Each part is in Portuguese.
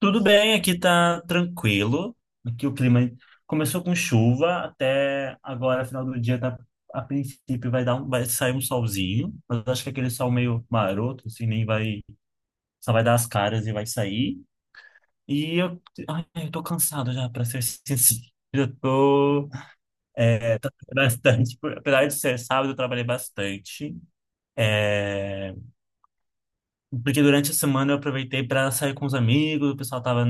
Tudo bem, aqui tá tranquilo. Aqui o clima começou com chuva, até agora, final do dia, tá, a princípio vai dar um, vai sair um solzinho, mas acho que aquele sol meio maroto, assim, nem vai, só vai dar as caras e vai sair. E eu, ai, eu tô cansado já, pra ser sincero. Eu tô é, bastante, apesar de ser sábado, eu trabalhei bastante. é, Porque durante a semana eu aproveitei para sair com os amigos, o pessoal tava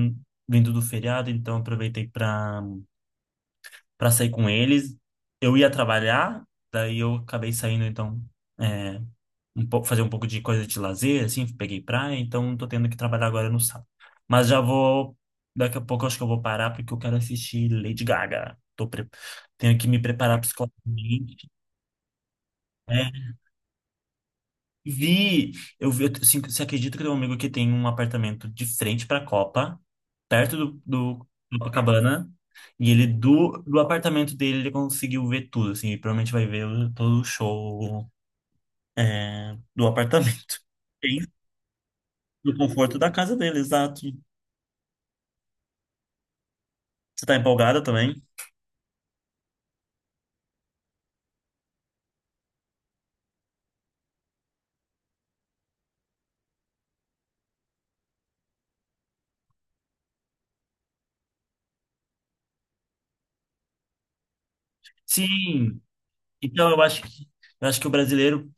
vindo do feriado, então eu aproveitei para sair com eles. Eu ia trabalhar, daí eu acabei saindo, então, é, um pouco, fazer um pouco de coisa de lazer, assim, peguei praia, então tô tendo que trabalhar agora no sábado. Mas já vou, daqui a pouco eu acho que eu vou parar porque eu quero assistir Lady Gaga. Tenho que me preparar psicologicamente. Né? Vi, vi, eu, assim, você acredita que tem um amigo que tem um apartamento de frente para a Copa, perto do Copacabana, e ele do apartamento dele ele conseguiu ver tudo, assim, e provavelmente vai todo o show do apartamento. Tem no conforto da casa dele, exato. Você tá empolgada também? Sim, então eu acho que o brasileiro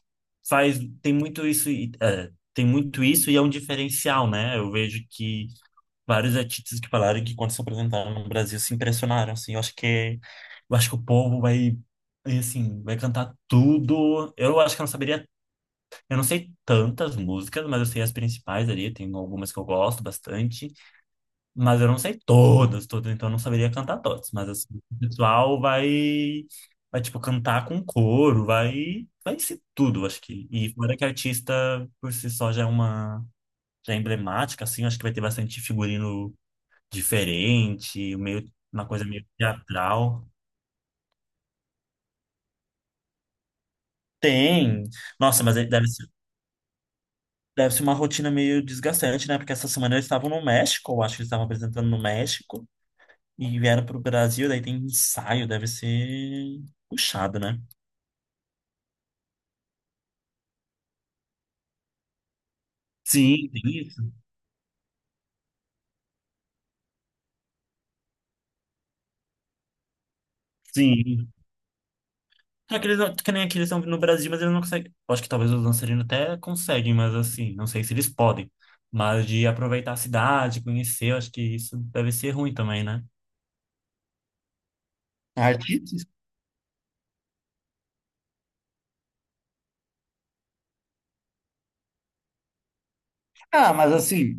faz tem muito isso e, é, tem muito isso e é um diferencial, né? Eu vejo que vários artistas que falaram que quando se apresentaram no Brasil se impressionaram, assim, eu acho que o povo vai e, assim, vai cantar tudo. Eu acho que eu não saberia, eu não sei tantas músicas, mas eu sei as principais ali, tem algumas que eu gosto bastante, mas eu não sei todas, todas, então eu não saberia cantar todas, mas assim, o pessoal vai tipo cantar com coro, vai ser tudo, eu acho que. E fora que artista por si só já é emblemática assim, eu acho que vai ter bastante figurino diferente, meio, uma coisa meio teatral. Tem. Nossa, mas deve ser uma rotina meio desgastante, né? Porque essa semana eles estavam no México, eu acho que eles estavam apresentando no México e vieram para o Brasil, daí tem ensaio, deve ser puxado, né? Sim, tem isso. Sim. Só que eles não, que nem aqui eles estão no Brasil, mas eles não conseguem. Eu acho que talvez os dançarinos até conseguem, mas assim, não sei se eles podem. Mas de aproveitar a cidade, conhecer, eu acho que isso deve ser ruim também, né? Artistas? Ah, mas assim.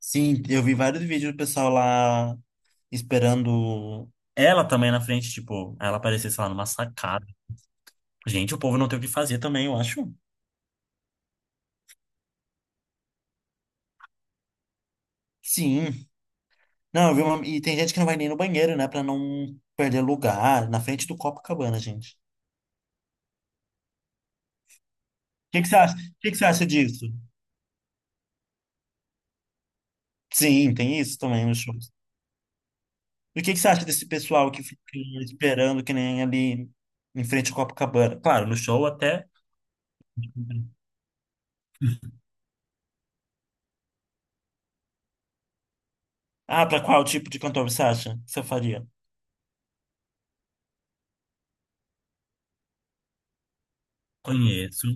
Sim, eu vi vários vídeos do pessoal lá esperando ela também na frente, tipo, ela aparecer, sei lá, numa sacada. Gente, o povo não tem o que fazer também, eu acho. Sim. Não, eu vi uma... E tem gente que não vai nem no banheiro, né? Pra não perder lugar na frente do Copacabana, gente. O que que você acha? O que que você acha disso? Sim, tem isso também nos shows. E o que que você acha desse pessoal que fica esperando que nem ali em frente ao Copacabana? Claro, no show até. Ah, pra qual tipo de cantor você acha que você faria? Conheço.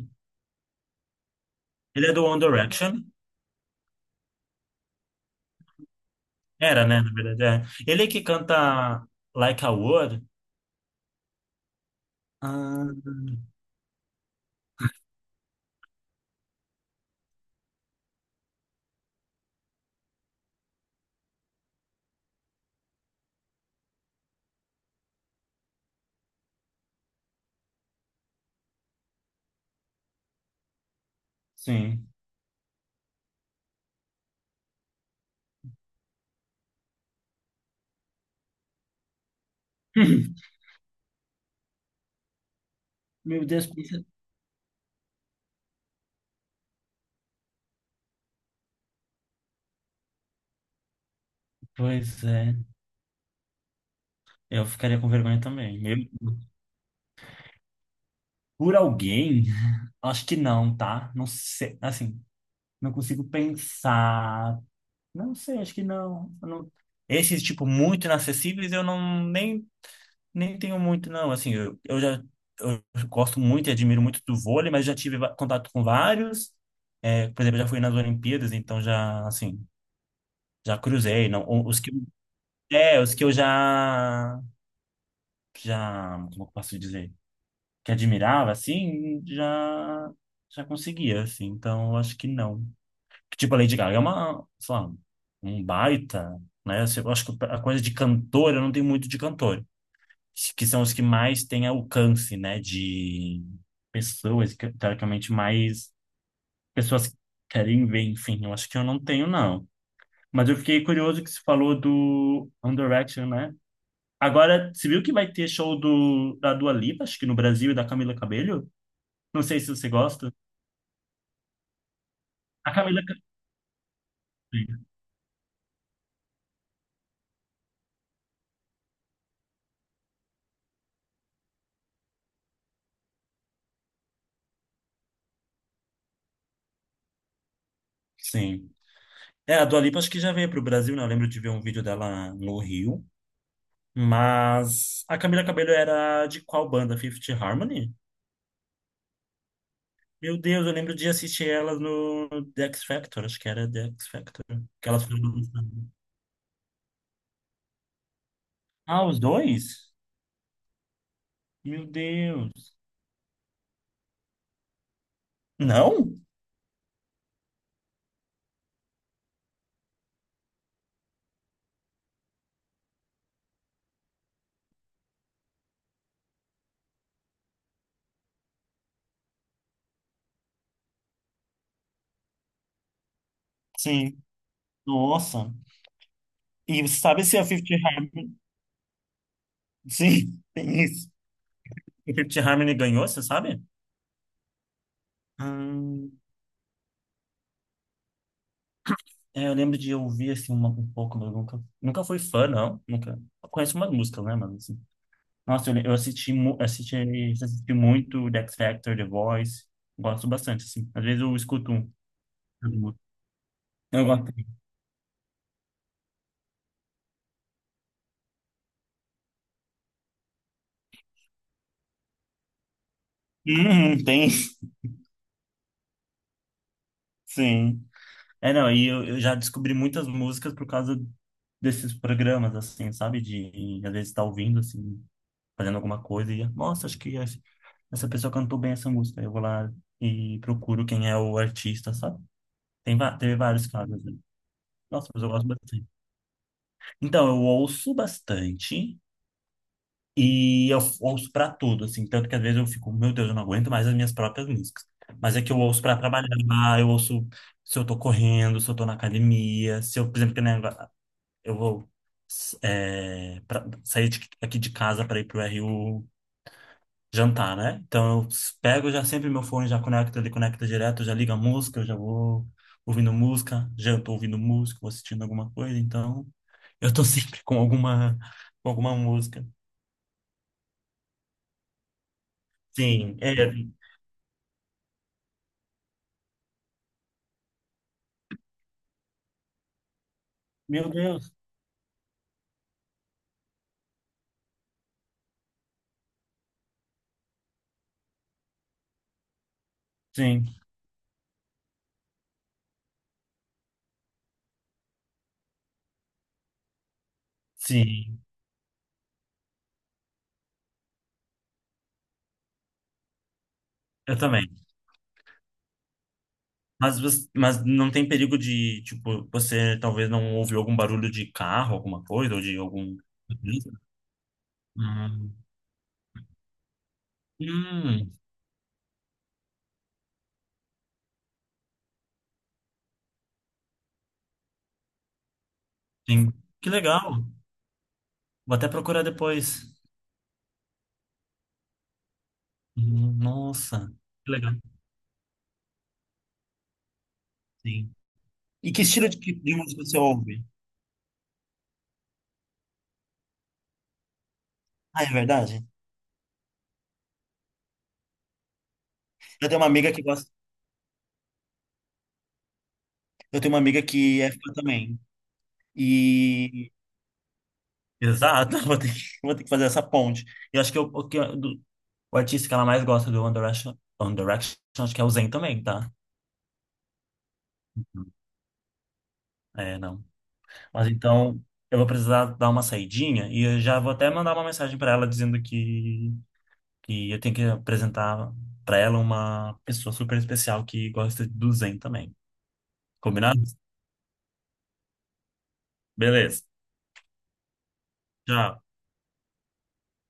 Ele é do One Direction? Era, né? Na verdade, é. Ele é que canta Like a Word? Ah, sim. Meu Deus, pois é. Eu ficaria com vergonha também. Por alguém? Acho que não, tá? Não sei. Assim, não consigo pensar. Não sei, acho que não. Eu não- Esses, tipo, muito inacessíveis, eu não nem tenho muito, não. Assim, eu já eu gosto muito e admiro muito do vôlei, mas já tive contato com vários. É, por exemplo, eu já fui nas Olimpíadas, então já, assim, já cruzei. Não, os que, os que eu já, já, como eu posso dizer, que admirava, assim, já, já conseguia, assim. Então, eu acho que não. Tipo, a Lady Gaga é uma, sei lá, um baita, né? Eu acho que a coisa de cantora, eu não tenho muito de cantor. Que são os que mais têm alcance, né, de pessoas, que, teoricamente mais pessoas querem ver, enfim, eu acho que eu não tenho, não. Mas eu fiquei curioso que você falou do One Direction, né? Agora, você viu que vai ter show da Dua Lipa, acho que no Brasil, e da Camila Cabello? Não sei se você gosta. A Camila Cabello. Sim. É, a Dua Lipa acho que já veio para o Brasil, né? Eu lembro de ver um vídeo dela no Rio. Mas a Camila Cabello era de qual banda? Fifth Harmony? Meu Deus, eu lembro de assistir elas no The X Factor, acho que era The X Factor. Que elas foram lançadas. Ah, os dois? Meu Deus. Não? Sim. Nossa. E você sabe se a Fifty Harmony... Sim, tem isso. A Fifty Harmony ganhou, você sabe? Hum, é, eu lembro de ouvir assim uma, um pouco, mas eu nunca, nunca fui fã, não. Nunca. Eu conheço umas músicas, né, mano assim. Nossa, assisti, assisti muito The X Factor, The Voice. Gosto bastante, assim. Às vezes eu escuto um. Eu gosto. Uhum, tem, sim. É, não, eu já descobri muitas músicas por causa desses programas, assim, sabe? De, às vezes, tá ouvindo, assim, fazendo alguma coisa e, nossa, acho que essa pessoa cantou bem essa música. Eu vou lá e procuro quem é o artista, sabe? Tem, teve vários casos, né? Nossa, mas eu gosto bastante. Então, eu ouço bastante. E eu ouço pra tudo, assim. Tanto que às vezes eu fico, meu Deus, eu não aguento mais as minhas próprias músicas. Mas é que eu ouço pra trabalhar, eu ouço se eu tô correndo, se eu tô na academia, se eu, por exemplo, que nem agora, eu vou aqui de casa pra ir pro RU jantar, né? Então eu pego já sempre meu fone, já conecto, ele conecta direto, já liga a música, eu já vou ouvindo música, janto ouvindo música, vou assistindo alguma coisa, então eu tô sempre com alguma música. Sim, é. Meu Deus. Sim, sim, eu também. Mas, mas não tem perigo de, tipo, você talvez não ouviu algum barulho de carro, alguma coisa, ou de algum. Hum, hum, sim. Que legal. Vou até procurar depois. Hum. Nossa, que legal. Sim. E que estilo de música você ouve? Ah, é verdade? Eu tenho uma amiga que gosta. Eu tenho uma amiga que é fã também. E... Exato, vou ter que fazer essa ponte. E acho que, eu, o, que eu- do- o artista que ela mais gosta do One Direction, acho que é o Zayn também, tá? É, não. Mas então, eu vou precisar dar uma saidinha e eu já vou até mandar uma mensagem para ela dizendo que eu tenho que apresentar para ela uma pessoa super especial que gosta do Zen também. Combinado? Beleza. Tchau.